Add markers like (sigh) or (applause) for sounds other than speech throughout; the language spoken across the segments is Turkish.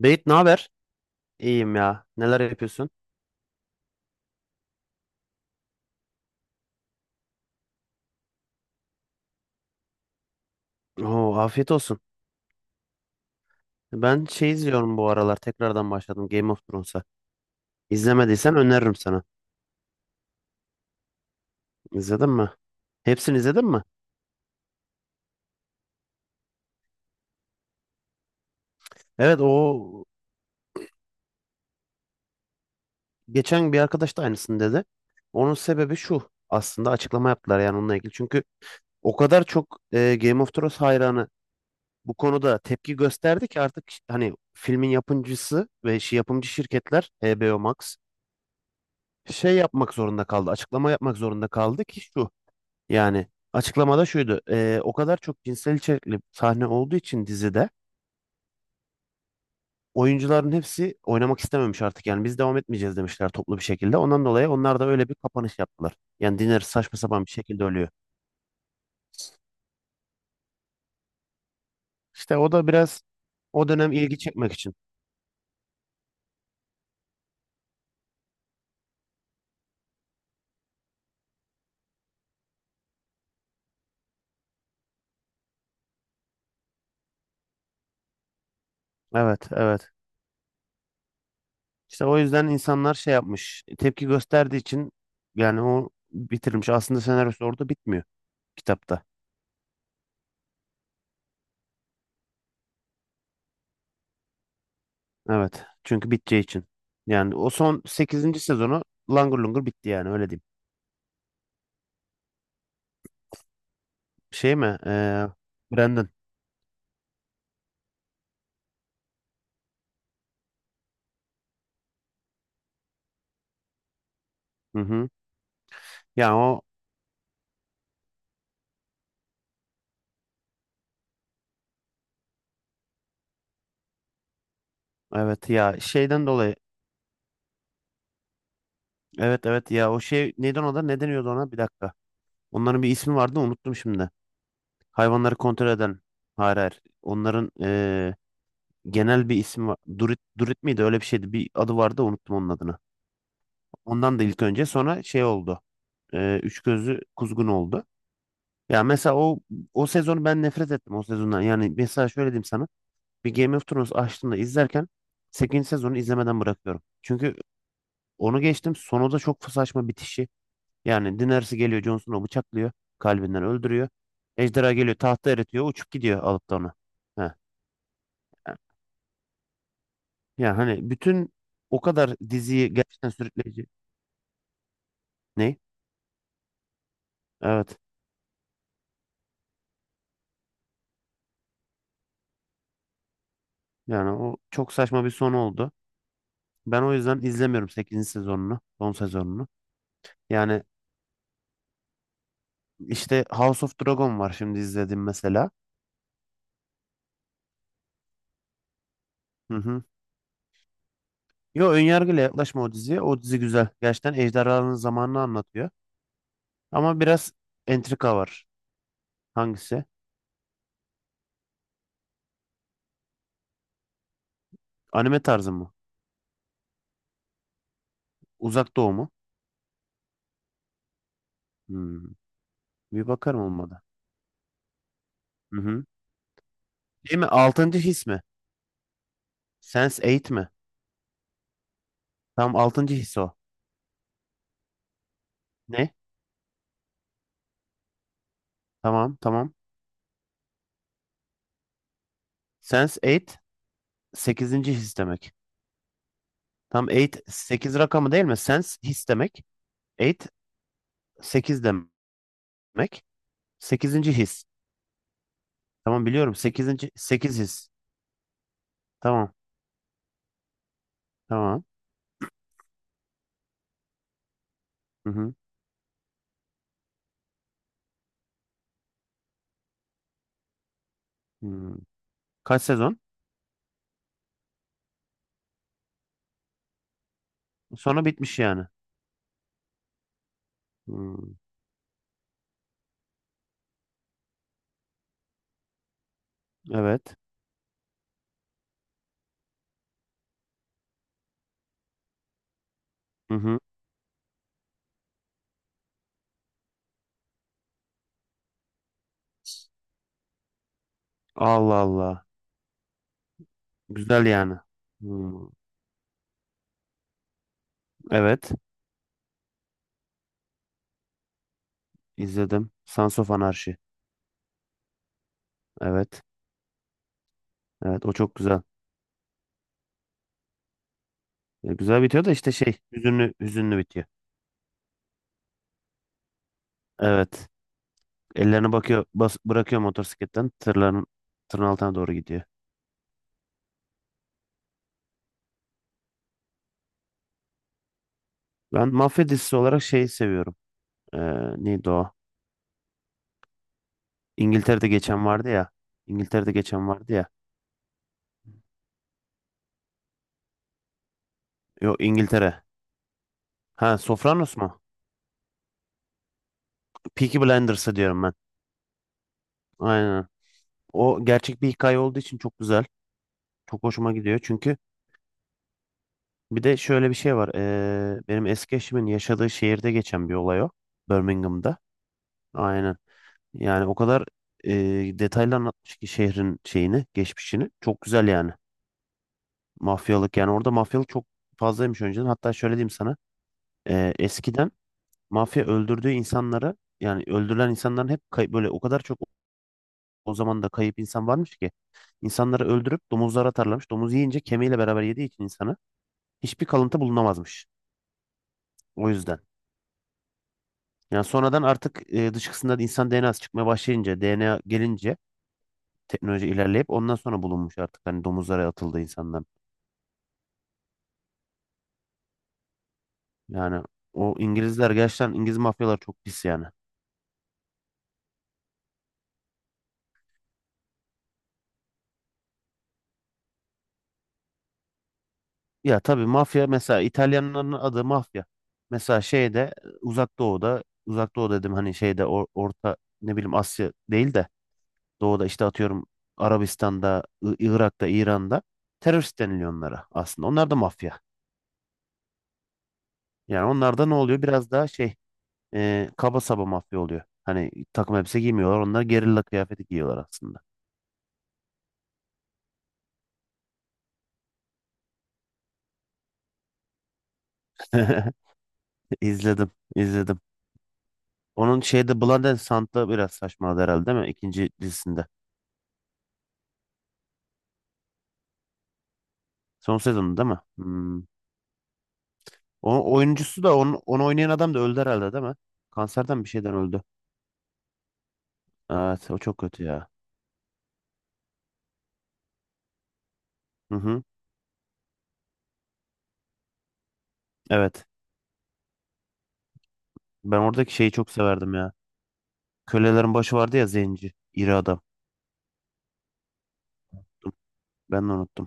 Beyt ne haber? İyiyim ya. Neler yapıyorsun? Oo, afiyet olsun. Ben şey izliyorum bu aralar. Tekrardan başladım Game of Thrones'a. İzlemediysen öneririm sana. İzledin mi? Hepsini izledin mi? Evet, o geçen bir arkadaş da aynısını dedi. Onun sebebi şu. Aslında açıklama yaptılar yani onunla ilgili. Çünkü o kadar çok Game of Thrones hayranı bu konuda tepki gösterdi ki artık hani filmin yapımcısı ve yapımcı şirketler HBO Max şey yapmak zorunda kaldı. Açıklama yapmak zorunda kaldı ki şu. Yani açıklamada şuydu. O kadar çok cinsel içerikli sahne olduğu için dizide oyuncuların hepsi oynamak istememiş artık. Yani biz devam etmeyeceğiz demişler toplu bir şekilde. Ondan dolayı onlar da öyle bir kapanış yaptılar. Yani Daenerys saçma sapan bir şekilde ölüyor. İşte o da biraz o dönem ilgi çekmek için. Evet, evet. İşte o yüzden insanlar şey yapmış. Tepki gösterdiği için yani o bitirilmiş. Aslında senaryosu orada bitmiyor kitapta. Evet. Çünkü biteceği için. Yani o son sekizinci sezonu langır lungur bitti yani öyle diyeyim. Şey mi? Brandon. Hı hı. Ya o evet ya şeyden dolayı. Evet, evet, ya o şey neydi ona da ne deniyordu ona? Bir dakika. Onların bir ismi vardı unuttum şimdi. Hayvanları kontrol eden. Hayır, hayır. Onların genel bir ismi var. Durit, Durit miydi? Öyle bir şeydi. Bir adı vardı unuttum onun adını. Ondan da ilk önce sonra şey oldu. Üç gözlü kuzgun oldu. Ya mesela o sezonu ben nefret ettim o sezondan. Yani mesela şöyle diyeyim sana. Bir Game of Thrones açtığımda izlerken sekizinci sezonu izlemeden bırakıyorum. Çünkü onu geçtim sonu da çok saçma bitişi. Yani Daenerys geliyor Jon Snow'u bıçaklıyor. Kalbinden öldürüyor. Ejderha geliyor tahta eritiyor uçup gidiyor alıp da onu. Heh. Yani hani bütün o kadar diziyi gerçekten sürükleyici. Ne? Evet. Yani o çok saçma bir sonu oldu. Ben o yüzden izlemiyorum sekizinci sezonunu, son sezonunu. Yani işte House of Dragon var şimdi izlediğim mesela. Hı hı. Yo, önyargıyla yaklaşma o diziye. O dizi güzel. Gerçekten ejderhaların zamanını anlatıyor. Ama biraz entrika var. Hangisi? Anime tarzı mı? Uzak Doğu mu? Hmm. Bir bakarım olmadı. Hı hı. Değil mi? Altıncı his mi? Sense Eight mi? Tam altıncı his o. Ne? Tamam, tamam. Sense Eight sekizinci his demek. Tam Eight 8 rakamı değil mi? Sense his demek. 8 8 demek. Sekizinci his. Tamam biliyorum. Sekizinci 8 his. Tamam, tamam. Hı hı. Hmm. Kaç sezon? Sonra bitmiş yani. Hmm. Evet. Hı hı. Allah Allah. Güzel yani. Hmm. Evet. İzledim. Sons of Anarchy. Evet. Evet, o çok güzel. Güzel bitiyor da işte şey hüzünlü hüzünlü bitiyor. Evet. Ellerini bakıyor bas, bırakıyor motosikletten tırın altına doğru gidiyor. Ben mafya dizisi olarak şeyi seviyorum. Ee, Neydi o? İngiltere'de geçen vardı ya. İngiltere'de geçen vardı ya. Yok, İngiltere. Ha, Sopranos mu? Peaky Blinders'ı diyorum ben. Aynen. O gerçek bir hikaye olduğu için çok güzel. Çok hoşuma gidiyor. Çünkü bir de şöyle bir şey var. Benim eski eşimin yaşadığı şehirde geçen bir olay o. Birmingham'da. Aynen. Yani o kadar e, detaylı anlatmış ki şehrin şeyini, geçmişini. Çok güzel yani. Mafyalık yani orada mafyalık çok fazlaymış önceden. Hatta şöyle diyeyim sana. Eskiden mafya öldürdüğü insanları yani öldürülen insanların hep böyle o kadar çok o zaman da kayıp insan varmış ki insanları öldürüp domuzlara atarlarmış. Domuz yiyince kemiğiyle beraber yediği için insanı hiçbir kalıntı bulunamazmış. O yüzden. Yani sonradan artık dışkısında insan DNA'sı çıkmaya başlayınca, DNA gelince teknoloji ilerleyip ondan sonra bulunmuş artık hani domuzlara atıldı insanlar. Yani o İngilizler gerçekten İngiliz mafyalar çok pis yani. Ya tabii mafya mesela İtalyanların adı mafya. Mesela şeyde Uzak Doğu'da Uzak Doğu dedim hani şeyde orta ne bileyim Asya değil de Doğu'da işte atıyorum Arabistan'da, Irak'ta, İran'da terörist deniliyor onlara aslında. Onlar da mafya. Yani onlarda ne oluyor? Biraz daha şey kaba saba mafya oluyor. Hani takım elbise giymiyorlar. Onlar gerilla kıyafeti giyiyorlar aslında. (laughs) İzledim, izledim. Onun şeyde Blood and Sand'da biraz saçmaladı herhalde değil mi? İkinci dizisinde. Son sezonda değil mi? Hmm. O oyuncusu da onu oynayan adam da öldü herhalde değil mi? Kanserden bir şeyden öldü. Evet, o çok kötü ya. Hı hı. Evet. Ben oradaki şeyi çok severdim ya. Kölelerin başı vardı ya zenci. İri adam. Ben de unuttum.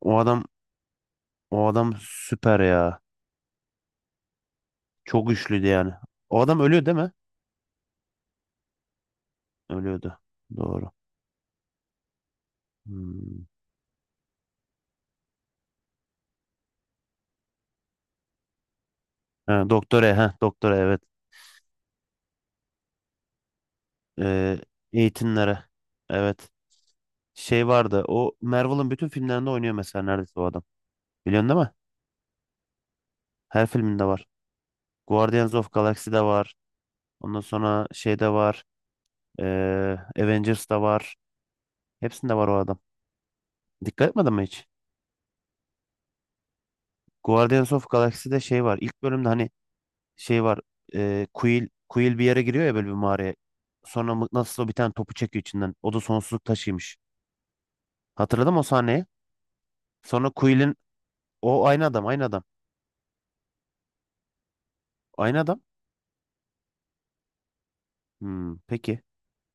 O adam o adam süper ya. Çok güçlüydü yani. O adam ölüyor değil mi? Ölüyordu. Doğru. Hmm. Ha, doktora, ha, doktora, evet. Ee, Eğitimlere. Evet. Şey vardı. O Marvel'ın bütün filmlerinde oynuyor mesela neredeyse o adam. Biliyorsun değil mi? Her filminde var. Guardians of Galaxy'de var. Ondan sonra şeyde var. Avengers'da var. Hepsinde var o adam. Dikkat etmedin mi hiç? Guardians of Galaxy'de şey var. İlk bölümde hani şey var. E, Quill bir yere giriyor ya böyle bir mağaraya. Sonra mıknatısla bir tane topu çekiyor içinden. O da sonsuzluk taşıymış. Hatırladın mı o sahneyi? Sonra Quill'in o aynı adam. Aynı adam. Hmm, peki.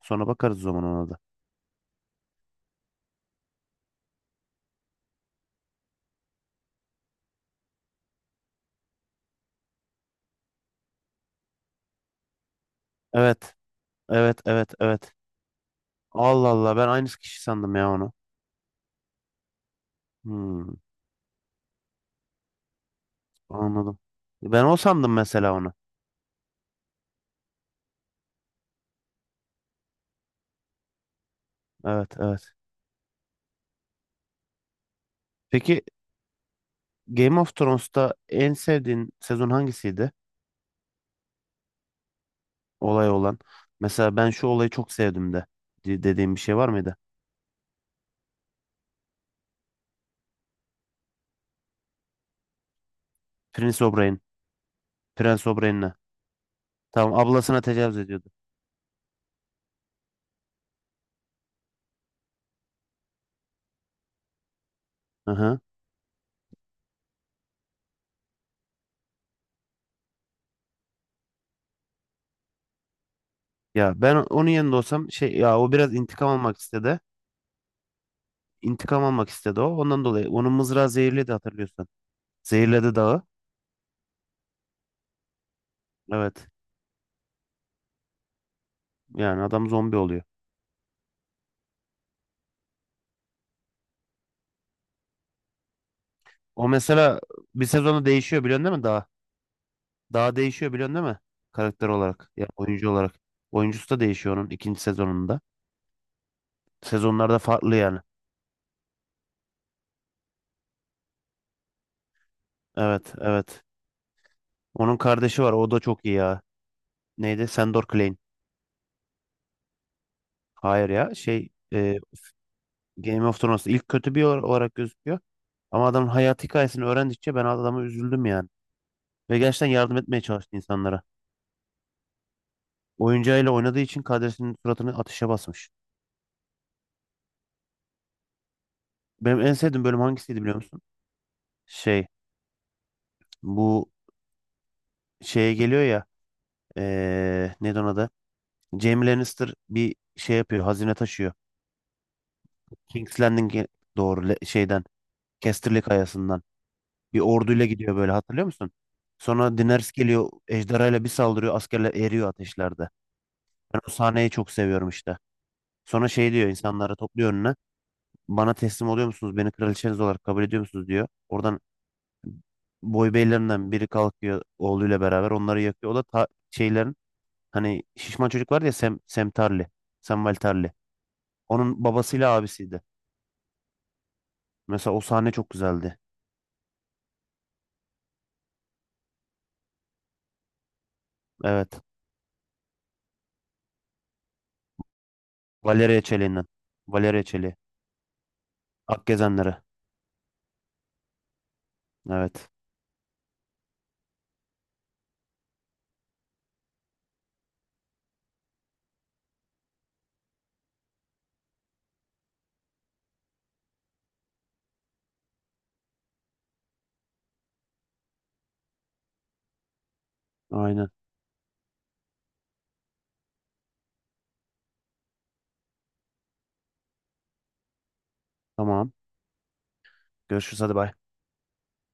Sonra bakarız o zaman ona da. Evet. Evet, evet, evet. Allah Allah, ben aynı kişi sandım ya onu. Hmm, anladım. Ben o sandım mesela onu. Evet, evet. Peki Game of Thrones'ta en sevdiğin sezon hangisiydi? Olay olan. Mesela ben şu olayı çok sevdim de dediğim bir şey var mıydı? Prince O'Brien. Prince O'Brien'le. Tamam, ablasına tecavüz ediyordu. Hı hı. Ya ben onun yanında olsam şey ya o biraz intikam almak istedi. İntikam almak istedi o. Ondan dolayı onun mızrağı zehirledi hatırlıyorsan. Zehirledi dağı. Evet. Yani adam zombi oluyor. O mesela bir sezonda değişiyor biliyorsun değil mi daha? Daha değişiyor biliyorsun değil mi? Karakter olarak. Ya oyuncu olarak. Oyuncusu da değişiyor onun ikinci sezonunda. Sezonlarda farklı yani. Evet, evet. Onun kardeşi var. O da çok iyi ya. Neydi? Sandor Clegane. Hayır ya. Şey Game of Thrones ilk kötü bir olarak gözüküyor. Ama adamın hayat hikayesini öğrendikçe ben adama üzüldüm yani. Ve gerçekten yardım etmeye çalıştı insanlara. Oyuncağıyla oynadığı için kadresinin suratını ateşe basmış. Benim en sevdiğim bölüm hangisiydi biliyor musun? Şey, bu şeye geliyor ya neydi ona da? Jaime Lannister bir şey yapıyor. Hazine taşıyor. King's Landing'e doğru şeyden Casterly kayasından. Bir orduyla gidiyor böyle hatırlıyor musun? Sonra Daenerys geliyor ejderhayla bir saldırıyor askerler eriyor ateşlerde. Ben o sahneyi çok seviyorum işte. Sonra şey diyor insanları topluyor önüne. Bana teslim oluyor musunuz? Beni kraliçeniz olarak kabul ediyor musunuz diyor. Oradan boy beylerinden biri kalkıyor oğluyla beraber onları yakıyor. O da şeylerin hani şişman çocuk var ya Sem Tarly. Samwell Tarly. Onun babasıyla abisiydi. Mesela o sahne çok güzeldi. Evet. Valeria Çeliği'nden. Valeria Çeliği. Akgezenleri. Evet. Aynen. Tamam. Görüşürüz hadi bay.